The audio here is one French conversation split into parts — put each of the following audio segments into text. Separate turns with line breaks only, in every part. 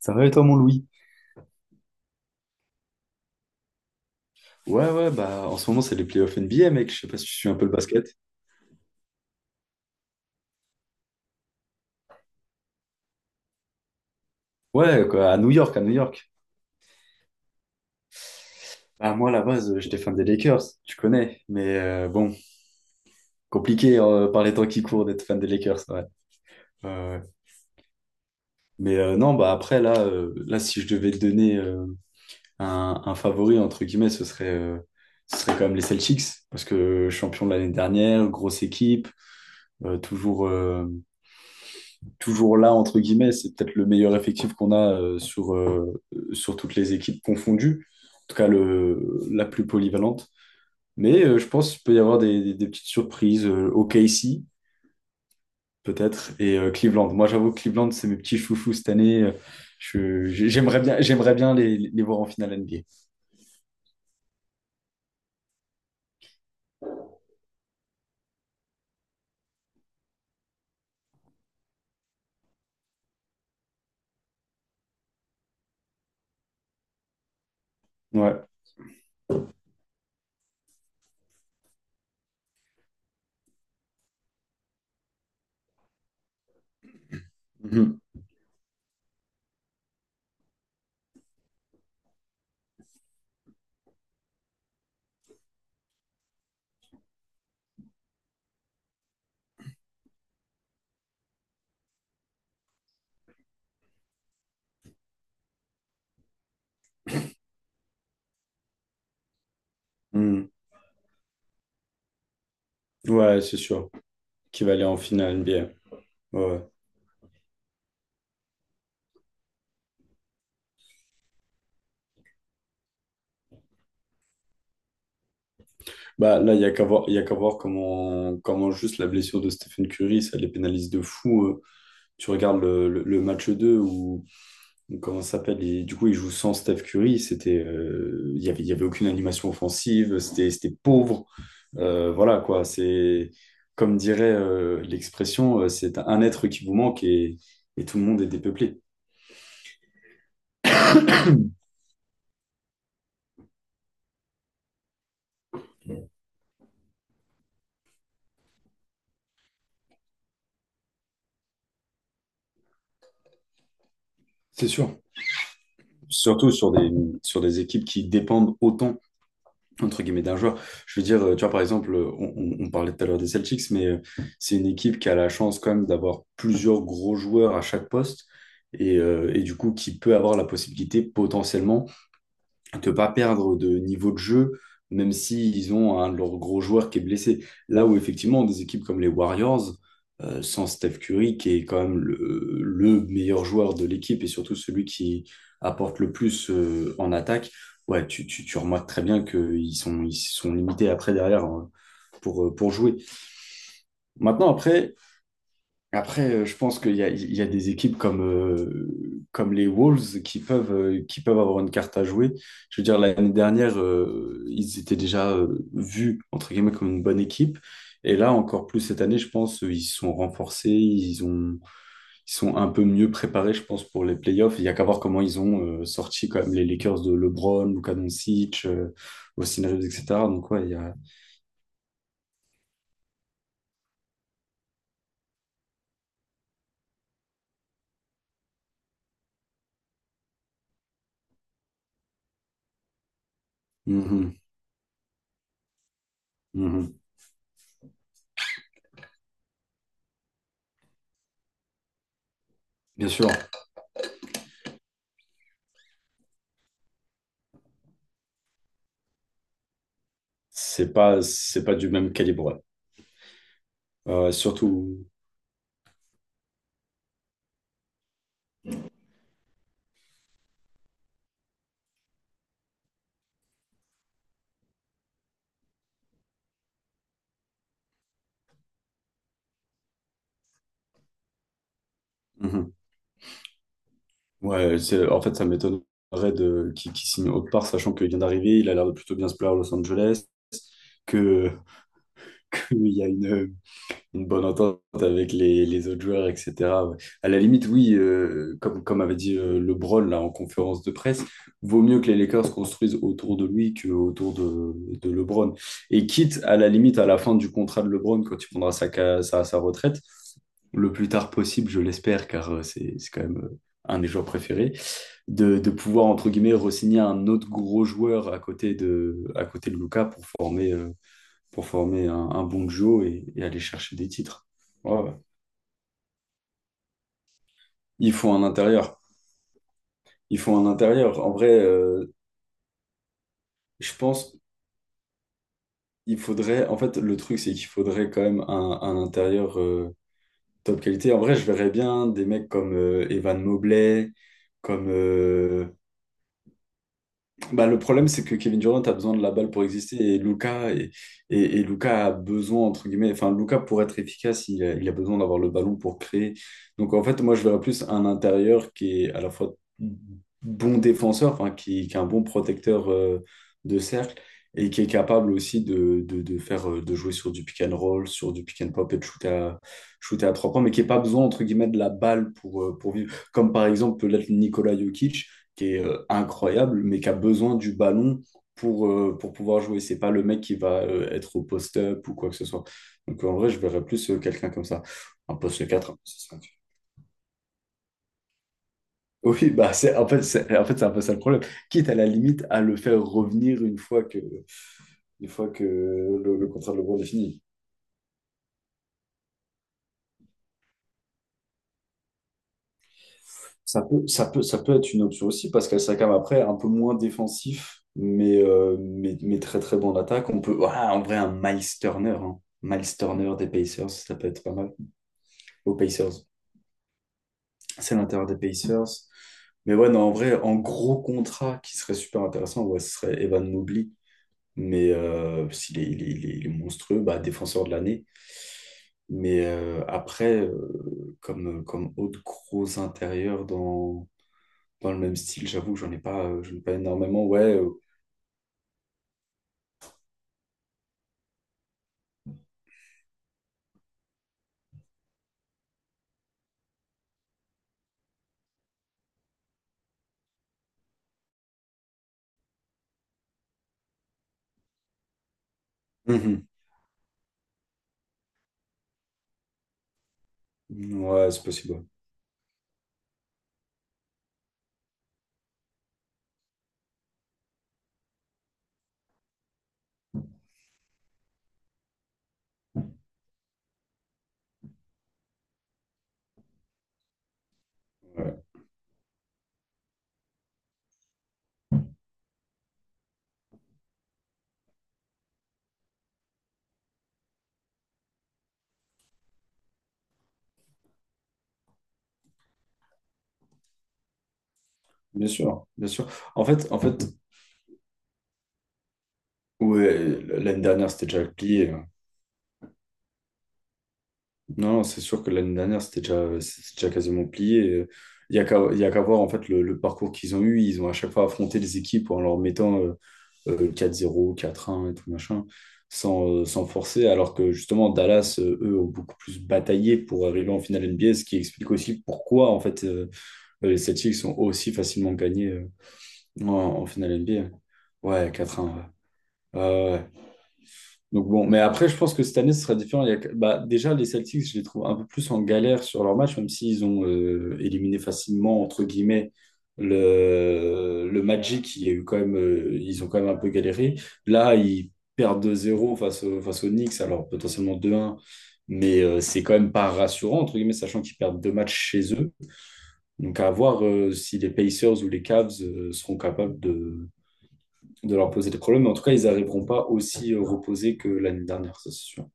Ça va et toi, mon Louis? Ouais, ouais, bah en ce moment, c'est les playoffs NBA, mec. Je sais pas si tu suis un peu le basket. Ouais, quoi, à New York, à New York. Bah, moi, à la base, j'étais fan des Lakers, tu connais. Mais bon, compliqué par les temps qui courent d'être fan des Lakers, ouais. Ouais, ouais. Mais non, bah après, là, si je devais te donner un favori, entre guillemets, ce serait quand même les Celtics. Parce que champion de l'année dernière, grosse équipe, euh, toujours. euh, toujours là, entre guillemets. C'est peut-être le meilleur effectif qu'on a sur toutes les équipes confondues, en tout cas la plus polyvalente. Mais je pense qu'il peut y avoir des petites surprises. OKC, peut-être, et Cleveland. Moi, j'avoue que Cleveland, c'est mes petits chouchous cette année. J'aimerais bien les voir en finale NBA. Ouais. Mhm. Mhm. Ouais, c'est sûr qu'il va aller en finale NBA. Ouais. Ouais. Bah, là, il n'y a qu'à voir, il y a qu'à voir comment juste la blessure de Stephen Curry, ça les pénalise de fou. Tu regardes le match 2 où comment ça s'appelle, du coup, il joue sans Steph Curry. C'était, il y avait aucune animation offensive, c'était pauvre. Voilà, quoi. C'est, comme dirait l'expression, c'est un être qui vous manque et tout le monde est dépeuplé. C'est sûr. Surtout sur des équipes qui dépendent autant entre guillemets d'un joueur. Je veux dire, tu vois, par exemple, on parlait tout à l'heure des Celtics, mais c'est une équipe qui a la chance quand même d'avoir plusieurs gros joueurs à chaque poste et du coup qui peut avoir la possibilité potentiellement te pas perdre de niveau de jeu, même s'ils ont un de leurs gros joueurs qui est blessé. Là où effectivement, des équipes comme les Warriors, sans Steph Curry, qui est quand même le meilleur joueur de l'équipe et surtout celui qui apporte le plus en attaque, ouais, tu remarques très bien qu'ils sont limités après derrière hein, pour jouer. Maintenant, après, je pense qu'il y a des équipes comme les Wolves qui peuvent avoir une carte à jouer. Je veux dire, l'année dernière, ils étaient déjà vus, entre guillemets, comme une bonne équipe. Et là, encore plus cette année, je pense, ils se sont renforcés, ils sont un peu mieux préparés, je pense, pour les playoffs. Il y a qu'à voir comment ils ont sorti quand même les Lakers de LeBron, Luka Doncic, Austin Reeves, etc. Donc, ouais, il y a. Mhm, mhm. Bien sûr, c'est pas du même calibre. Surtout, Mhm. Ouais, c'est, en fait, ça m'étonnerait qu'il signe autre part, sachant qu'il vient d'arriver, il a l'air de plutôt bien se plaire à Los Angeles, que, qu'il y a une bonne entente avec les autres joueurs, etc. Ouais. À la limite, oui, comme avait dit LeBron là, en conférence de presse, vaut mieux que les Lakers construisent autour de lui qu'autour de LeBron. Et quitte, à la limite, à la fin du contrat de LeBron, quand il prendra sa retraite, le plus tard possible, je l'espère, car c'est quand même un des joueurs préférés, de pouvoir, entre guillemets, re-signer un autre gros joueur à côté de Luka pour former un bon duo et aller chercher des titres. Ouais. Ouais. Il faut un intérieur. Il faut un intérieur. En vrai, je pense il faudrait. En fait, le truc, c'est qu'il faudrait quand même un intérieur top qualité. En vrai, je verrais bien des mecs comme Evan Mobley, comme. Bah, le problème, c'est que Kevin Durant a besoin de la balle pour exister et Luka a besoin, entre guillemets, enfin, Luka, pour être efficace, il a besoin d'avoir le ballon pour créer. Donc, en fait, moi, je verrais plus un intérieur qui est à la fois bon défenseur, enfin, qui est un bon protecteur de cercle et qui est capable aussi de jouer sur du pick and roll, sur du pick and pop et de shooter à trois points, mais qui n'a pas besoin, entre guillemets, de la balle pour vivre. Comme par exemple, peut-être Nikola Jokic qui est incroyable, mais qui a besoin du ballon pour pouvoir jouer. C'est pas le mec qui va être au post-up ou quoi que ce soit. Donc en vrai, je verrais plus quelqu'un comme ça. Un poste quatre, un poste 5. Oui, bah c'est en fait c'est en fait c'est un peu ça le problème. Quitte à la limite à le faire revenir une fois que le contrat de LeBron est fini. Ça peut être une option aussi parce qu'elle s'accame après un peu moins défensif, mais très très bon en attaque. On peut, voilà, en vrai, un Miles Turner, hein. Miles Turner des Pacers, ça peut être pas mal. Aux Pacers, c'est l'intérieur des Pacers. Mais ouais, non, en vrai, en gros contrat qui serait super intéressant, ouais, ce serait Evan Mobley. Mais s'il est monstrueux, bah, défenseur de l'année. Mais après, comme autre gros intérieur dans le même style, j'avoue, j'en ai pas énormément. Ouais, mhm. Ouais, c'est possible. Ouais. Ouais. Bien sûr, bien sûr. En fait, ouais, l'année dernière, c'était déjà plié, hein. Non, non, c'est sûr que l'année dernière, c'était déjà quasiment plié. Il y a qu'à voir en fait le parcours qu'ils ont eu. Ils ont à chaque fois affronté les équipes en leur mettant 4-0, 4-1 et tout machin, sans forcer. Alors que justement, Dallas, eux, ont beaucoup plus bataillé pour arriver en finale NBA, ce qui explique aussi pourquoi en fait. Les Celtics sont aussi facilement gagnés en finale NBA. Ouais, quatre 1, ouais. Ouais, ouais. Ouais. Donc bon, mais après, je pense que cette année, ce sera différent. Bah, déjà, les Celtics, je les trouve un peu plus en galère sur leur match, même s'ils ont éliminé facilement, entre guillemets, le Magic. Il y a eu quand même, ils ont quand même un peu galéré. Là, ils perdent 2 zéro face aux Knicks, alors potentiellement 2 un. Mais c'est quand même pas rassurant, entre guillemets, sachant qu'ils perdent deux matchs chez eux. Donc à voir si les Pacers ou les Cavs seront capables de leur poser des problèmes. Mais en tout cas, ils n'arriveront pas aussi reposés que l'année dernière, ça c'est sûr.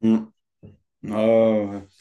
Mm. Ah, ouais.